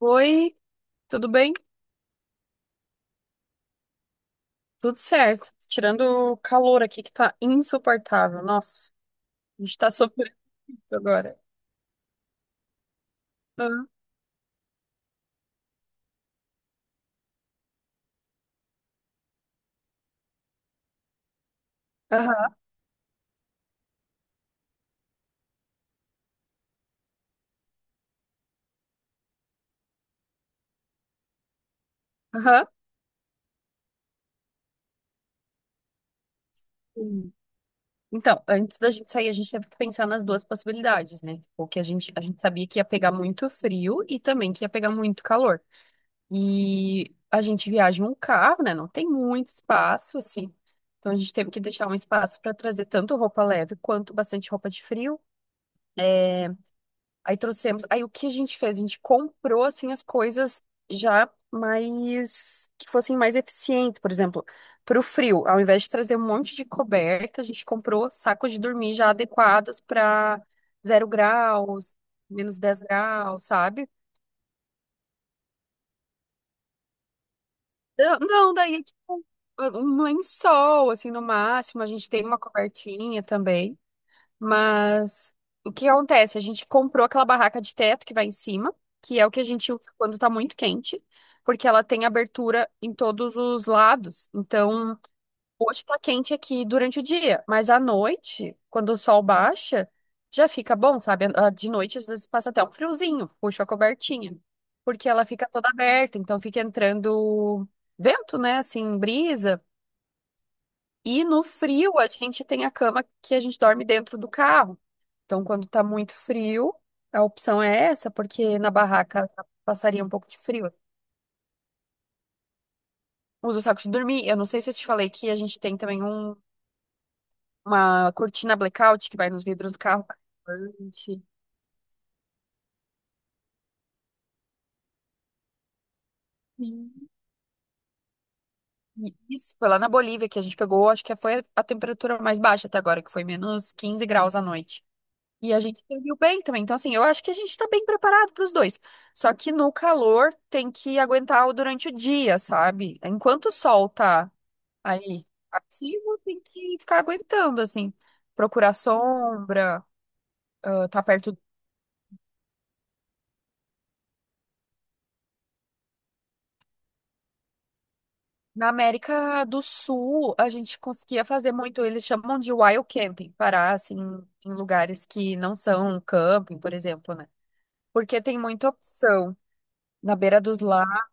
Oi, tudo bem? Tudo certo. Tirando o calor aqui que tá insuportável. Nossa, a gente tá sofrendo isso agora. Aham, aham. Aham. Sim. Então, antes da gente sair, a gente teve que pensar nas duas possibilidades, né? Tipo, que a gente sabia que ia pegar muito frio e também que ia pegar muito calor. E a gente viaja em um carro, né? Não tem muito espaço, assim. Então, a gente teve que deixar um espaço para trazer tanto roupa leve quanto bastante roupa de frio. Aí trouxemos. Aí o que a gente fez? A gente comprou assim as coisas já mais que fossem mais eficientes, por exemplo, para o frio, ao invés de trazer um monte de coberta, a gente comprou sacos de dormir já adequados para 0 graus, -10 graus, sabe? Não, não, daí é tipo um lençol assim no máximo, a gente tem uma cobertinha também. Mas o que acontece? A gente comprou aquela barraca de teto que vai em cima, que é o que a gente usa quando tá muito quente, porque ela tem abertura em todos os lados. Então, hoje tá quente aqui durante o dia, mas à noite, quando o sol baixa, já fica bom, sabe? Ah, de noite, às vezes passa até um friozinho, puxa a cobertinha, porque ela fica toda aberta, então fica entrando vento, né? Assim, brisa. E no frio, a gente tem a cama que a gente dorme dentro do carro. Então, quando tá muito frio, a opção é essa, porque na barraca já passaria um pouco de frio. Usa o saco de dormir. Eu não sei se eu te falei que a gente tem também uma cortina blackout que vai nos vidros do carro. Gente, sim. E isso, foi lá na Bolívia que a gente pegou, acho que foi a temperatura mais baixa até agora, que foi -15 graus à noite. E a gente serviu bem também. Então, assim, eu acho que a gente tá bem preparado para os dois. Só que no calor tem que aguentar durante o dia, sabe? Enquanto o sol tá aí ativo, tem que ficar aguentando, assim. Procurar sombra, ah, tá perto. Na América do Sul, a gente conseguia fazer muito, eles chamam de wild camping, parar, assim, em lugares que não são camping, por exemplo, né? Porque tem muita opção. Na beira dos lagos.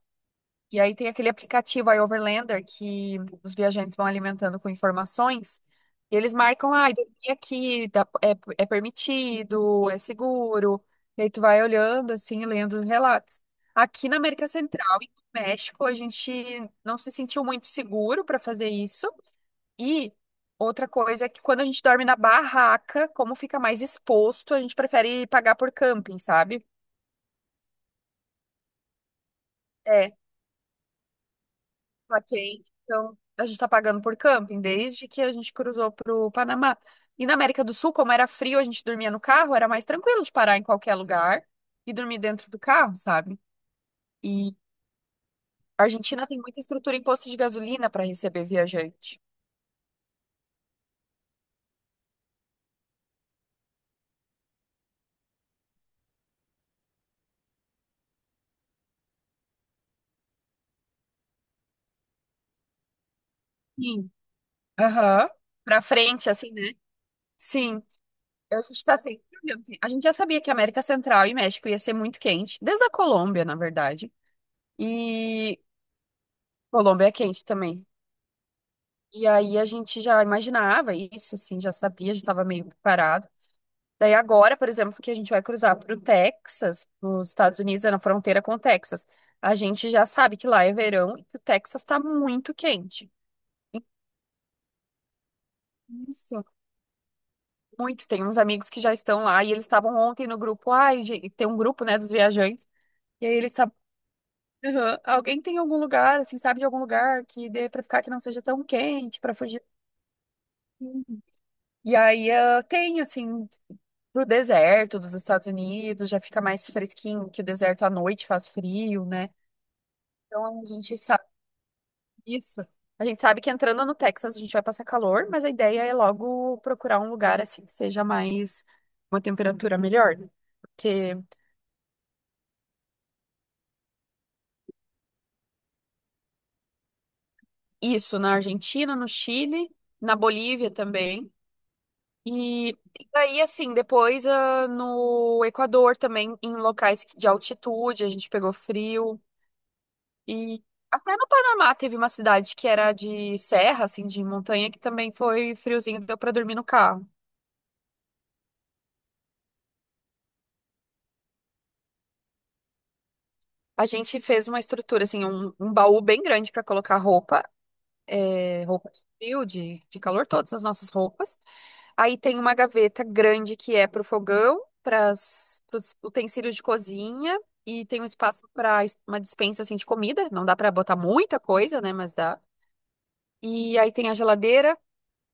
E aí tem aquele aplicativo iOverlander que os viajantes vão alimentando com informações. E eles marcam, ah, dormir aqui é permitido, é seguro. E aí tu vai olhando, assim, lendo os relatos. Aqui na América Central e no México, a gente não se sentiu muito seguro para fazer isso. E outra coisa é que quando a gente dorme na barraca, como fica mais exposto, a gente prefere pagar por camping, sabe? É. Tá quente, então a gente tá pagando por camping desde que a gente cruzou pro Panamá. E na América do Sul, como era frio, a gente dormia no carro, era mais tranquilo de parar em qualquer lugar e dormir dentro do carro, sabe? E a Argentina tem muita estrutura em posto de gasolina para receber viajante. Sim. Aham. Pra frente, assim, né? Sim. A gente tá sempre olhando, assim. A gente já sabia que a América Central e México ia ser muito quente, desde a Colômbia, na verdade. E Colômbia é quente também. E aí a gente já imaginava isso, assim, já sabia, já estava meio preparado. Daí agora, por exemplo, que a gente vai cruzar para o Texas, nos Estados Unidos, é na fronteira com o Texas. A gente já sabe que lá é verão e que o Texas está muito quente. Isso. Muito. Tem uns amigos que já estão lá e eles estavam ontem no grupo. Ai, gente, tem um grupo, né, dos viajantes. E aí eles estavam. "Aham, alguém tem algum lugar, assim, sabe de algum lugar que dê para ficar que não seja tão quente, para fugir? E aí ah, tem, assim, pro deserto dos Estados Unidos, já fica mais fresquinho, que o deserto à noite faz frio, né? Então a gente sabe isso. A gente sabe que entrando no Texas a gente vai passar calor, mas a ideia é logo procurar um lugar assim que seja mais uma temperatura melhor, né? Porque isso na Argentina, no Chile, na Bolívia também. E daí, assim, depois ah, no Equador também, em locais de altitude, a gente pegou frio. E até no Panamá teve uma cidade que era de serra, assim, de montanha, que também foi friozinho, deu pra dormir no carro. A gente fez uma estrutura, assim, um baú bem grande pra colocar roupa, é, roupa de frio, de calor, todas as nossas roupas. Aí tem uma gaveta grande que é pro fogão, para os utensílios de cozinha. E tem um espaço para uma dispensa assim de comida. Não dá pra botar muita coisa, né? Mas dá. E aí tem a geladeira,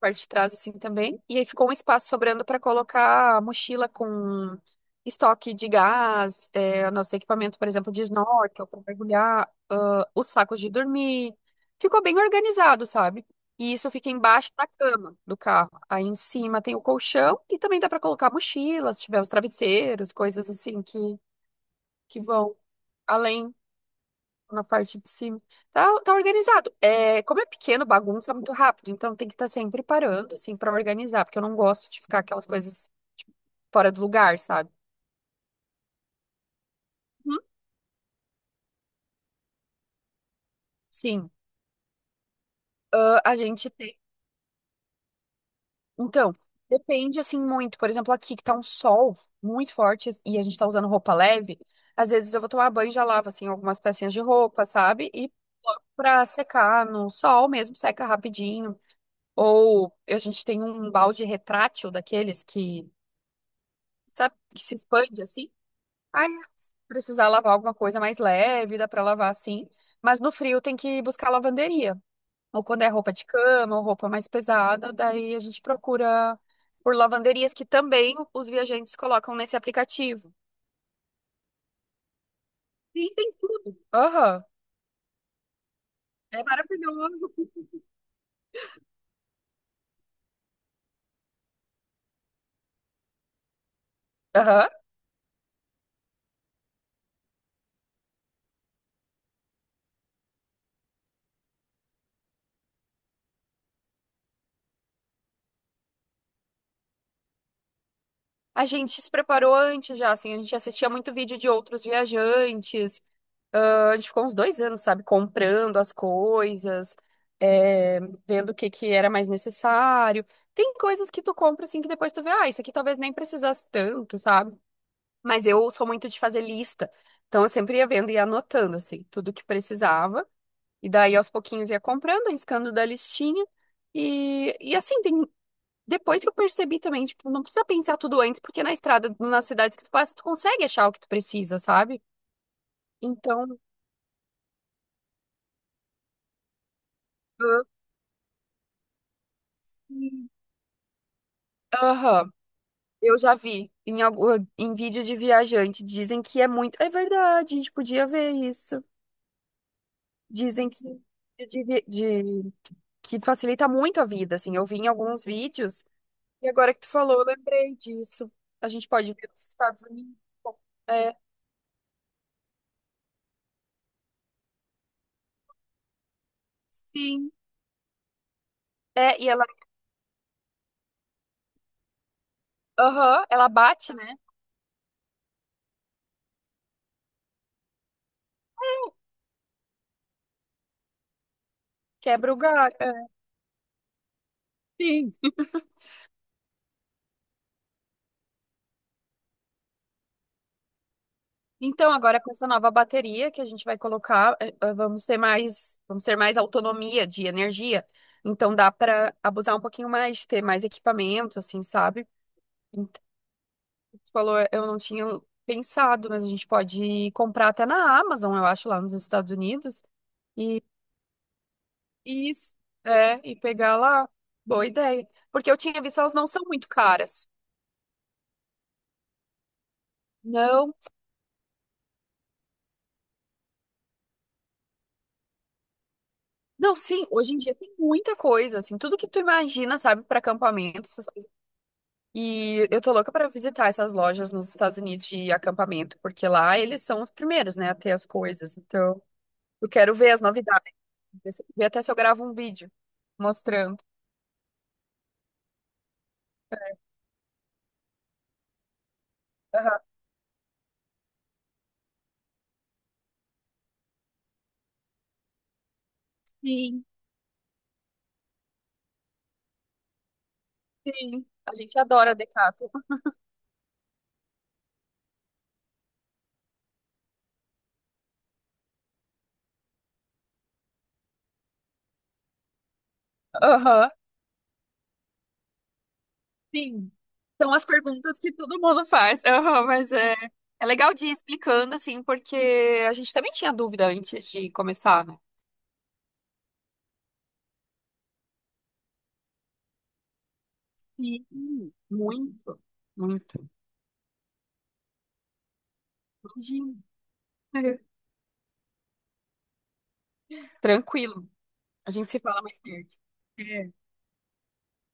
parte de trás assim também. E aí ficou um espaço sobrando para colocar a mochila com estoque de gás, é, nosso equipamento, por exemplo, de snorkel para mergulhar, ah, os sacos de dormir. Ficou bem organizado, sabe? E isso fica embaixo da cama do carro. Aí em cima tem o colchão e também dá para colocar mochilas, se tiver os travesseiros, coisas assim que vão além na parte de cima. Tá organizado. É, como é pequeno, bagunça muito rápido. Então tem que estar sempre parando, assim, pra organizar. Porque eu não gosto de ficar aquelas coisas tipo, fora do lugar, sabe? Uhum. Sim. Ah, a gente tem. Então, depende, assim, muito. Por exemplo, aqui que tá um sol muito forte e a gente tá usando roupa leve. Às vezes eu vou tomar banho e já lavo, assim, algumas pecinhas de roupa, sabe? E coloco pra secar no sol mesmo, seca rapidinho. Ou a gente tem um balde retrátil daqueles que. Sabe que se expande assim? Aí, se precisar lavar alguma coisa mais leve, dá pra lavar assim. Mas no frio tem que buscar lavanderia. Ou quando é roupa de cama, ou roupa mais pesada, daí a gente procura por lavanderias que também os viajantes colocam nesse aplicativo. Sim, tem. Aham. É maravilhoso. Aham. A gente se preparou antes já, assim, a gente assistia muito vídeo de outros viajantes. Ah, a gente ficou uns 2 anos, sabe, comprando as coisas, é, vendo o que que era mais necessário. Tem coisas que tu compra assim que depois tu vê, ah, isso aqui talvez nem precisasse tanto, sabe? Mas eu sou muito de fazer lista. Então eu sempre ia vendo e ia anotando, assim, tudo que precisava. E daí aos pouquinhos ia comprando, riscando da listinha. E assim, depois que eu percebi também, tipo, não precisa pensar tudo antes, porque na estrada, nas cidades que tu passa, tu consegue achar o que tu precisa, sabe? Então. Ah, aham. Eu já vi em vídeos de viajante, dizem que é muito. É verdade, a gente podia ver isso. Dizem que, é de vi- de- que facilita muito a vida, assim. Eu vi em alguns vídeos, e agora que tu falou, eu lembrei disso. A gente pode ver nos Estados Unidos. É, sim. É, e ela, aham, ela bate, né? Quebra o galho. É. Sim. Então, agora com essa nova bateria que a gente vai colocar, vamos ter mais autonomia de energia. Então dá para abusar um pouquinho mais, ter mais equipamento, assim, sabe? Então, você falou, eu não tinha pensado, mas a gente pode comprar até na Amazon, eu acho, lá nos Estados Unidos. E e isso, é, e pegar lá. Boa ideia. Porque eu tinha visto, elas não são muito caras. Não. Não, sim, hoje em dia tem muita coisa, assim, tudo que tu imagina, sabe, para acampamento, essas coisas. E eu tô louca pra visitar essas lojas nos Estados Unidos de acampamento, porque lá eles são os primeiros, né, a ter as coisas. Então, eu quero ver as novidades, ver até se eu gravo um vídeo mostrando. Aham. Sim, sim. A gente adora Decathlon. Aham, sim. São as perguntas que todo mundo faz. Aham, mas é legal de ir explicando, assim, porque a gente também tinha dúvida antes de começar, né? Sim, muito, muito. Imagina. Tranquilo. A gente se fala mais tarde. É.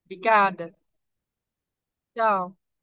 Obrigada. Tchau.